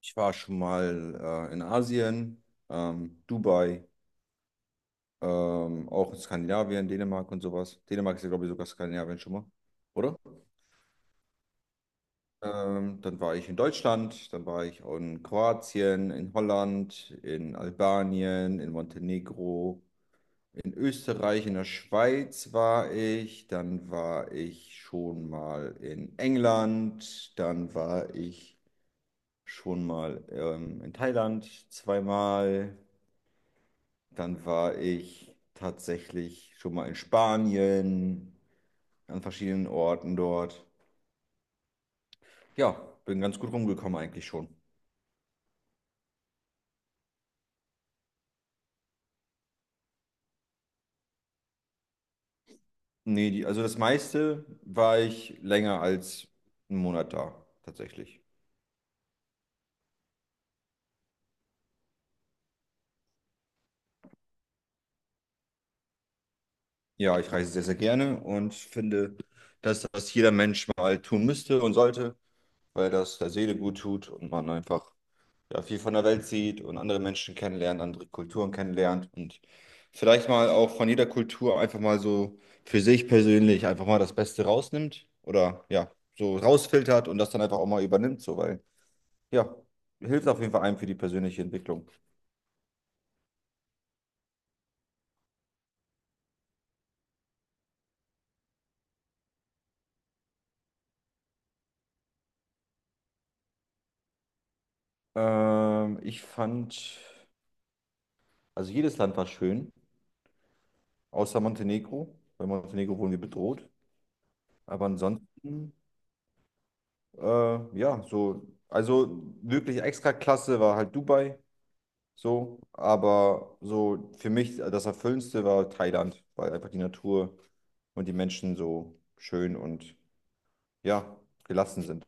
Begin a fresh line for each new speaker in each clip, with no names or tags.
Ich war schon mal in Asien, Dubai, auch in Skandinavien, Dänemark und sowas. Dänemark ist ja, glaube ich, sogar Skandinavien schon mal, oder? Dann war ich in Deutschland, dann war ich auch in Kroatien, in Holland, in Albanien, in Montenegro, in Österreich, in der Schweiz war ich, dann war ich schon mal in England, dann war ich schon mal in Thailand zweimal. Dann war ich tatsächlich schon mal in Spanien, an verschiedenen Orten dort. Ja, bin ganz gut rumgekommen eigentlich schon. Nee, die, also das meiste war ich länger als einen Monat da, tatsächlich. Ja, ich reise sehr, sehr gerne und finde, dass das jeder Mensch mal tun müsste und sollte, weil das der Seele gut tut und man einfach ja, viel von der Welt sieht und andere Menschen kennenlernt, andere Kulturen kennenlernt und vielleicht mal auch von jeder Kultur einfach mal so für sich persönlich einfach mal das Beste rausnimmt oder ja, so rausfiltert und das dann einfach auch mal übernimmt, so, weil ja, hilft auf jeden Fall einem für die persönliche Entwicklung. Ich fand, also jedes Land war schön, außer Montenegro. Bei Montenegro wurden wir bedroht. Aber ansonsten, ja, so, also wirklich extra klasse war halt Dubai. So, aber so für mich das Erfüllendste war Thailand, weil einfach die Natur und die Menschen so schön und ja, gelassen sind.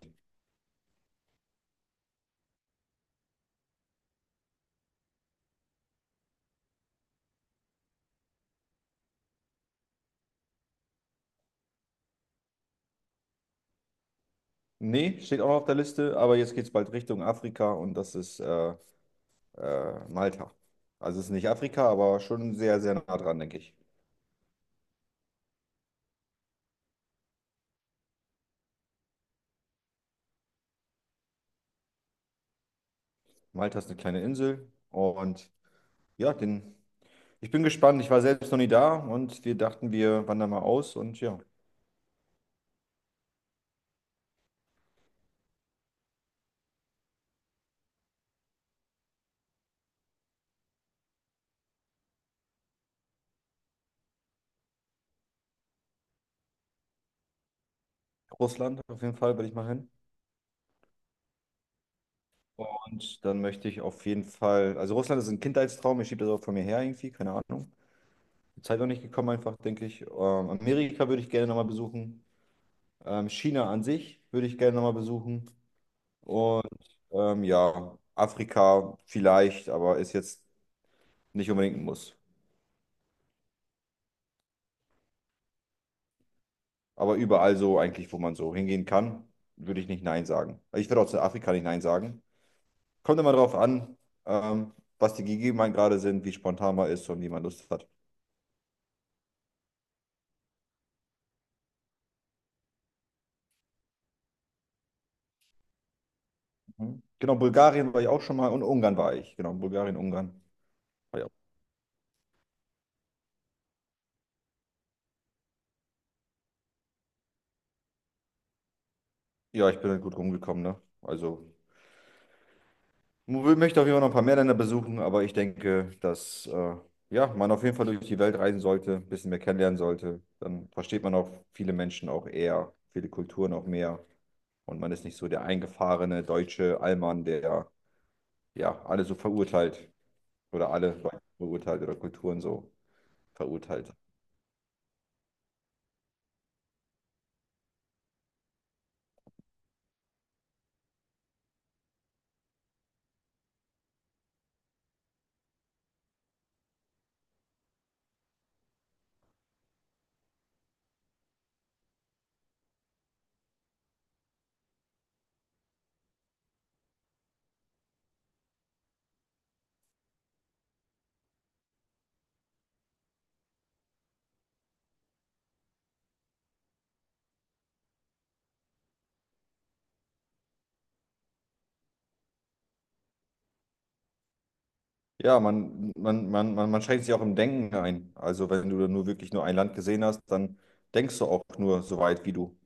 Nee, steht auch noch auf der Liste, aber jetzt geht es bald Richtung Afrika und das ist Malta. Also es ist nicht Afrika, aber schon sehr, sehr nah dran, denke ich. Malta ist eine kleine Insel und ja, den, ich bin gespannt. Ich war selbst noch nie da und wir dachten, wir wandern mal aus und ja, Russland auf jeden Fall will ich mal hin. Und dann möchte ich auf jeden Fall, also Russland ist ein Kindheitstraum, ich schiebe das auch von mir her irgendwie, keine Ahnung. Die Zeit noch nicht gekommen einfach, denke ich. Amerika würde ich gerne nochmal besuchen. China an sich würde ich gerne nochmal besuchen. Und ja, Afrika vielleicht, aber ist jetzt nicht unbedingt ein Muss. Aber überall so eigentlich, wo man so hingehen kann, würde ich nicht Nein sagen. Also ich würde auch zu Afrika nicht Nein sagen. Kommt immer drauf an, ähm, was die Gegebenheiten gerade sind, wie spontan man ist und wie man Lust hat. Hm? Genau, Bulgarien war ich auch schon mal und Ungarn war ich. Genau, Bulgarien, Ungarn. War ich auch. Ja, ich bin halt gut rumgekommen, ne? Also, möchte auf jeden Fall noch ein paar mehr Länder besuchen, aber ich denke, dass ja, man auf jeden Fall durch die Welt reisen sollte, ein bisschen mehr kennenlernen sollte. Dann versteht man auch viele Menschen auch eher, viele Kulturen auch mehr. Und man ist nicht so der eingefahrene deutsche Allmann, der ja alle so verurteilt oder alle Leute verurteilt oder Kulturen so verurteilt. Ja, man schränkt sich auch im Denken ein. Also wenn du nur wirklich nur ein Land gesehen hast, dann denkst du auch nur so weit, wie du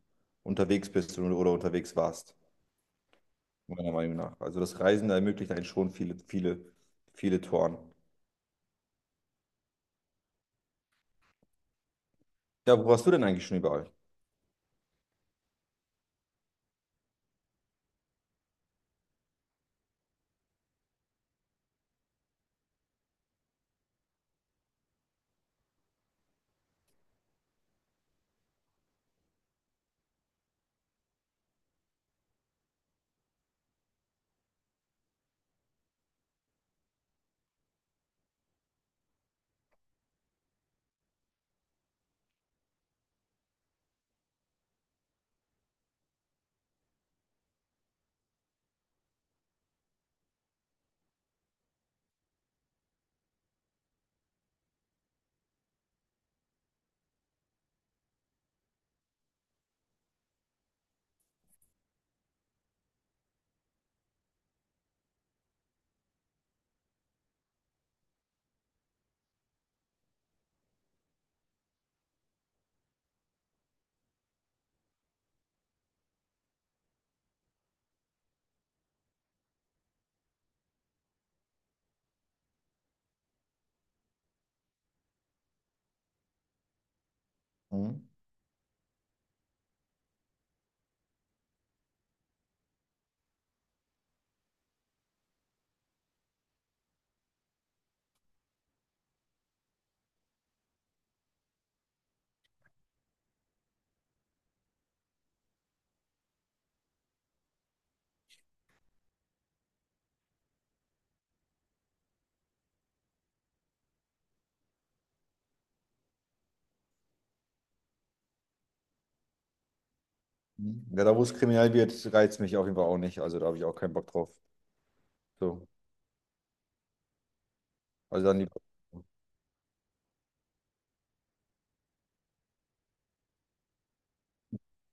unterwegs bist oder unterwegs warst, meiner Meinung nach. Also das Reisen ermöglicht einen schon viele, viele, viele Toren. Ja, wo warst du denn eigentlich schon überall? Mhm. Mhm. Ja, da wo es kriminell wird, reizt mich auf jeden Fall auch nicht. Also da habe ich auch keinen Bock drauf. So. Also dann lieber.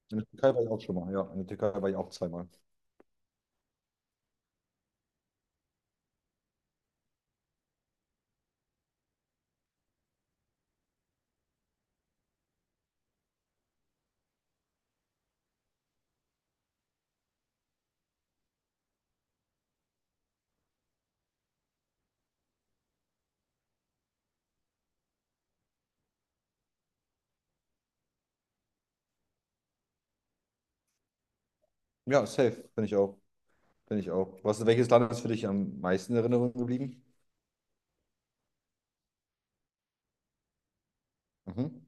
In der Türkei war ich auch schon mal. Ja, in der Türkei war ich auch zweimal. Ja, safe, finde ich auch. Finde ich auch. Was, welches Land ist für dich am meisten in Erinnerung geblieben? Mhm.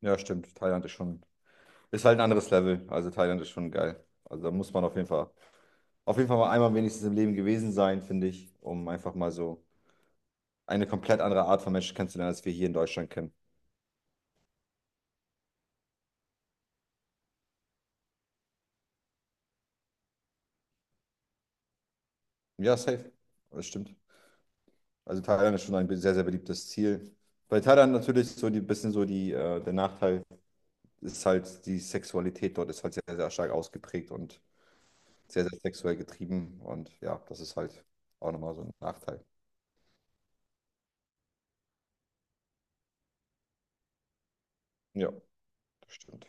Ja, stimmt. Thailand ist schon, ist halt ein anderes Level. Also Thailand ist schon geil. Also da muss man auf jeden Fall mal einmal wenigstens im Leben gewesen sein, finde ich, um einfach mal so eine komplett andere Art von Menschen kennenzulernen, als wir hier in Deutschland kennen. Ja, safe. Das stimmt. Also Thailand ist schon ein sehr, sehr beliebtes Ziel. Bei Thailand natürlich so die bisschen so die, der Nachteil ist halt, die Sexualität dort ist halt sehr, sehr stark ausgeprägt und sehr, sehr sexuell getrieben. Und ja, das ist halt auch nochmal so ein Nachteil. Ja, das stimmt.